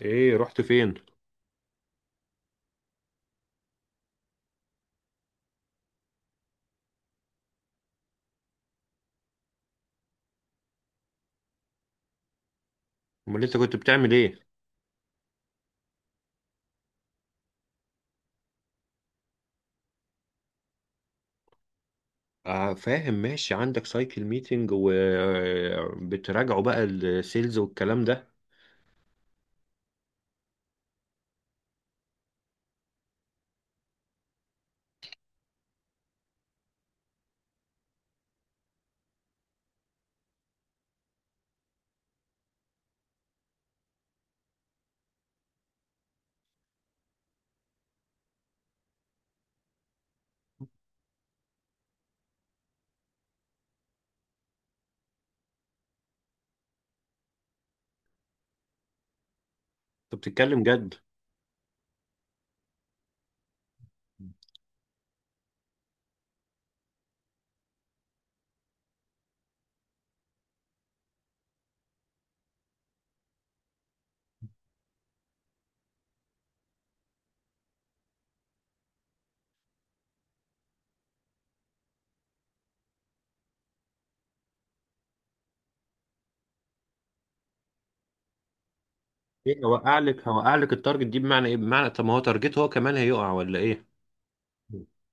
ايه رحت فين؟ امال انت كنت بتعمل ايه؟ آه، فاهم. ماشي، عندك سايكل ميتنج وبتراجعوا بقى السيلز والكلام ده. انت بتتكلم جد؟ ايه هوقع لك التارجت دي بمعنى ايه؟ بمعنى طب ما هو تارجت، هو كمان هيقع ولا ايه؟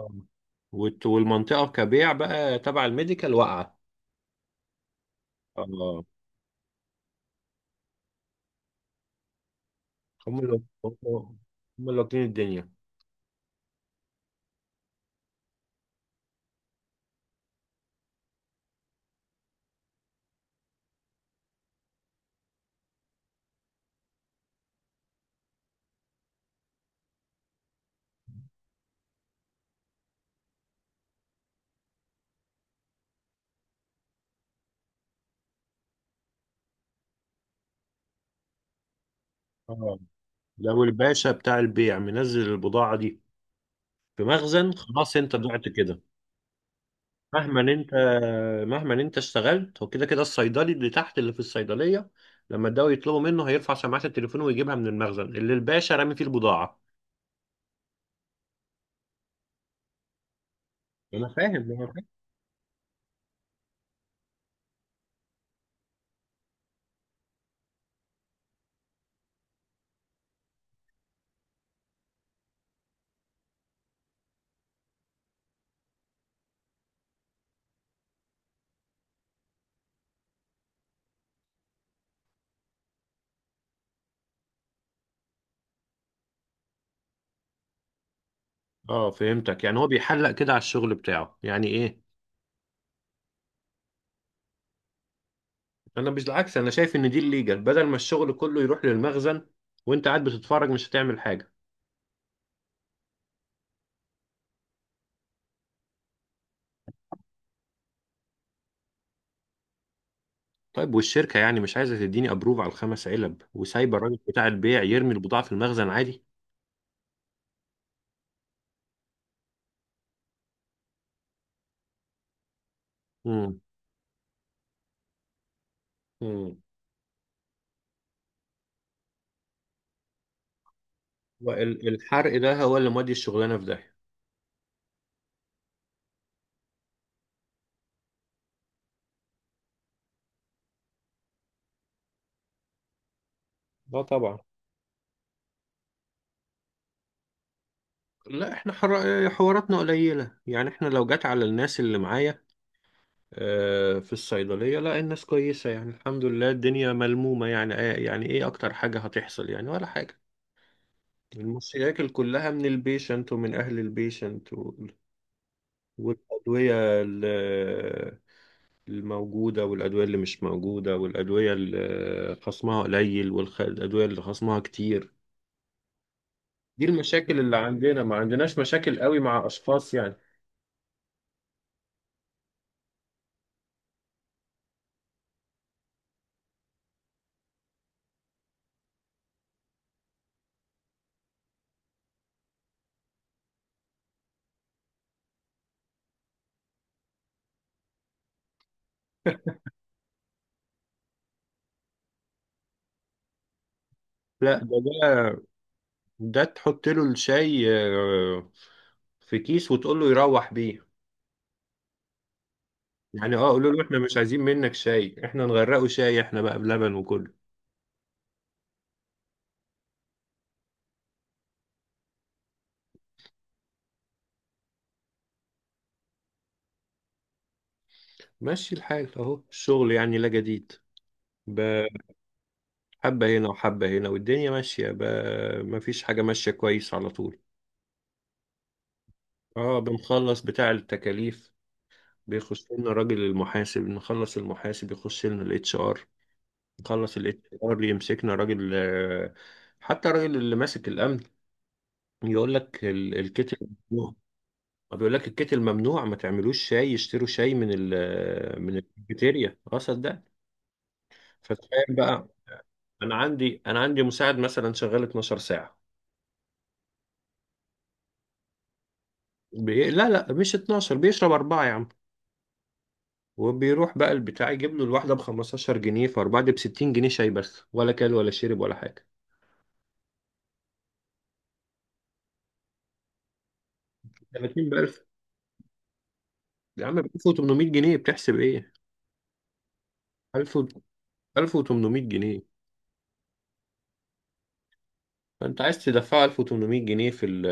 آه. والمنطقه كبيع بقى تبع الميديكال واقعه. اه، هم اللي واكلين الدنيا. اه، لو الباشا بتاع البيع منزل البضاعه دي في مخزن، خلاص انت ضعت كده. مهما انت مهما انت اشتغلت، هو كده كده الصيدلي اللي تحت اللي في الصيدليه لما الدواء يطلبوا منه هيرفع سماعه التليفون ويجيبها من المخزن اللي الباشا رامي فيه البضاعه. انا فاهم، انا فاهم. اه، فهمتك. يعني هو بيحلق كده على الشغل بتاعه يعني ايه. انا مش العكس، انا شايف ان دي الليجل. بدل ما الشغل كله يروح للمخزن وانت قاعد بتتفرج مش هتعمل حاجه. طيب، والشركه يعني مش عايزه تديني ابروف على الخمس علب وسايبه الراجل بتاع البيع يرمي البضاعه في المخزن عادي؟ امم. امم. والحرق ده هو اللي مودي الشغلانه في ده؟ لا طبعا. لا، احنا حواراتنا قليلة. يعني احنا لو جت على الناس اللي معايا في الصيدلية، لا الناس كويسة، يعني الحمد لله الدنيا ملمومة، يعني، يعني ايه اكتر حاجة هتحصل؟ يعني ولا حاجة. المشاكل كلها من البيشنت ومن اهل البيشنت، و... والادوية ال- الموجودة والادوية اللي مش موجودة والادوية اللي خصمها قليل والادوية اللي خصمها كتير. دي المشاكل اللي عندنا، ما عندناش مشاكل قوي مع اشخاص يعني. لا ده، ده تحط له الشاي في كيس وتقول له يروح بيه. يعني اه، قولوا له احنا مش عايزين منك شاي، احنا نغرقه شاي، احنا بقى بلبن وكله. ماشي الحال اهو، الشغل يعني لا جديد. ب- حبة هنا وحبة هنا والدنيا ماشية. ب... مفيش حاجة ماشية كويس على طول. اه، بنخلص بتاع التكاليف، بيخش لنا راجل المحاسب، نخلص المحاسب يخش لنا الاتش ار، نخلص الاتش ار يمسكنا راجل. حتى الراجل اللي ماسك الامن يقول لك الكتل ممنوع. بيقول لك الكتل ممنوع، ما تعملوش شاي، يشتروا شاي من الكافيتيريا. اه صدق. فتخيل بقى، انا عندي مساعد مثلا شغال 12 ساعه. لا لا، مش 12، بيشرب اربعه يا عم. وبيروح بقى البتاع يجيب له الواحده ب 15 جنيه، فاربعه دي ب 60 جنيه شاي بس، ولا كل ولا شرب ولا حاجه. 30 بألف. يا عم، ب 1800 جنيه بتحسب ايه؟ 1000 1800 جنيه. فانت عايز تدفع 1800 جنيه في ال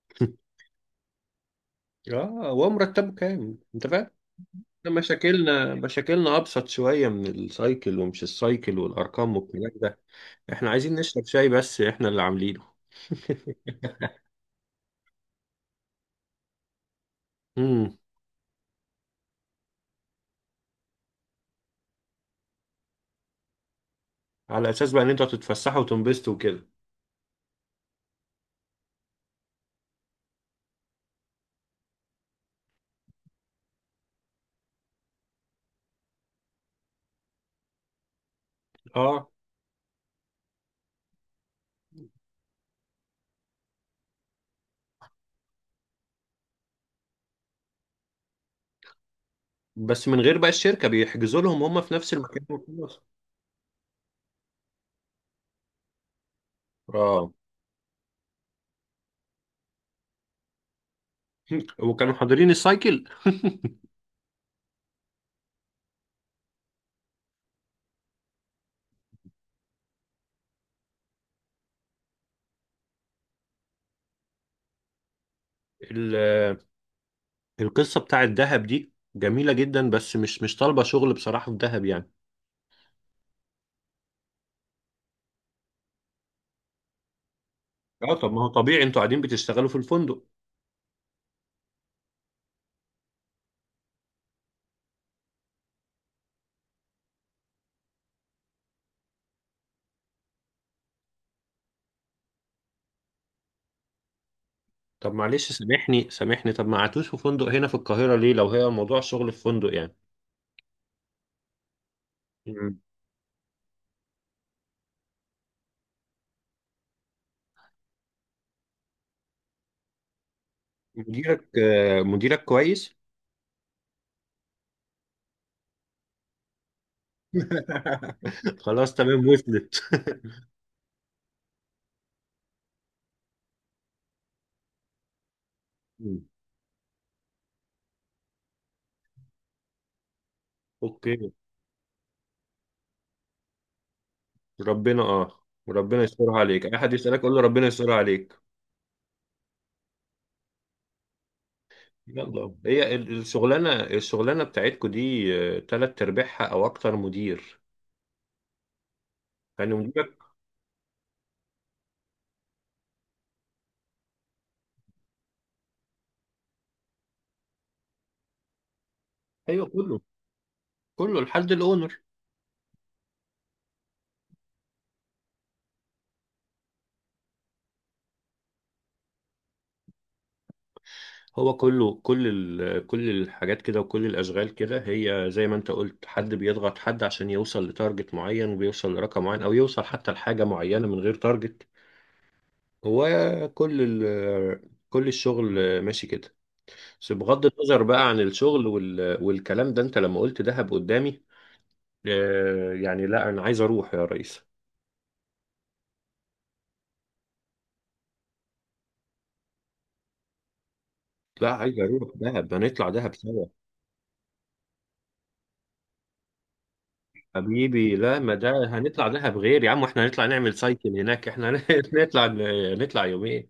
اه. هو مرتبه كام، انت فاهم؟ إحنا مشاكلنا ابسط شويه من السايكل، ومش السايكل والارقام والكلام ده. احنا عايزين نشرب شاي بس، احنا اللي عاملينه. امم. على اساس بقى ان انتوا تتفسحوا وتنبسطوا وكده. اه، بس من غير بقى الشركه بيحجزوا لهم هم في نفس المكان وخلاص. اه. وكانوا حاضرين السايكل؟ ال- القصه بتاع الذهب دي جميله جدا، بس مش طالبه شغل بصراحه في دهب يعني. اه، طب ما هو طبيعي، انتوا قاعدين بتشتغلوا في الفندق. طب معلش، سامحني سامحني، طب ما قعدتوش في فندق هنا في القاهرة ليه؟ لو هي موضوع شغل في فندق يعني. مم. مديرك كويس؟ خلاص تمام وصلت. مم. اوكي. ربنا يسترها عليك. اي حد يسألك قول له ربنا يسترها عليك. يلا، هي الشغلانة. الشغلانة بتاعتكو دي تلات ارباعها او اكتر مدير. يعني مديرك. ايوه، كله لحد الاونر. هو كل الحاجات كده وكل الأشغال كده هي زي ما أنت قلت، حد بيضغط حد عشان يوصل لتارجت معين، وبيوصل لرقم معين، أو يوصل حتى لحاجة معينة من غير تارجت. هو كل الشغل ماشي كده. بس بغض النظر بقى عن الشغل والكلام ده، أنت لما قلت دهب قدامي يعني، لا أنا عايز أروح يا ريس. لا، عايز أروح دهب، هنطلع دهب سوا. حبيبي، لا ما ده هنطلع دهب غير يا عم، احنا هنطلع نعمل سايكل هناك احنا. هنطلع نطلع يومين.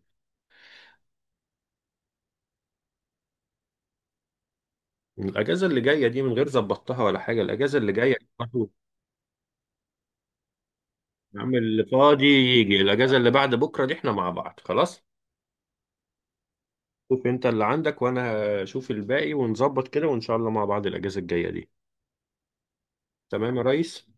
الاجازه اللي جايه دي من غير ظبطتها ولا حاجه، الاجازه اللي جايه برضه. يا عم، اللي فاضي يجي الاجازه اللي بعد بكره دي، احنا مع بعض خلاص. شوف انت اللي عندك وانا اشوف الباقي ونظبط كده، وان شاء الله مع بعض الاجازه الجايه دي. تمام يا ريس.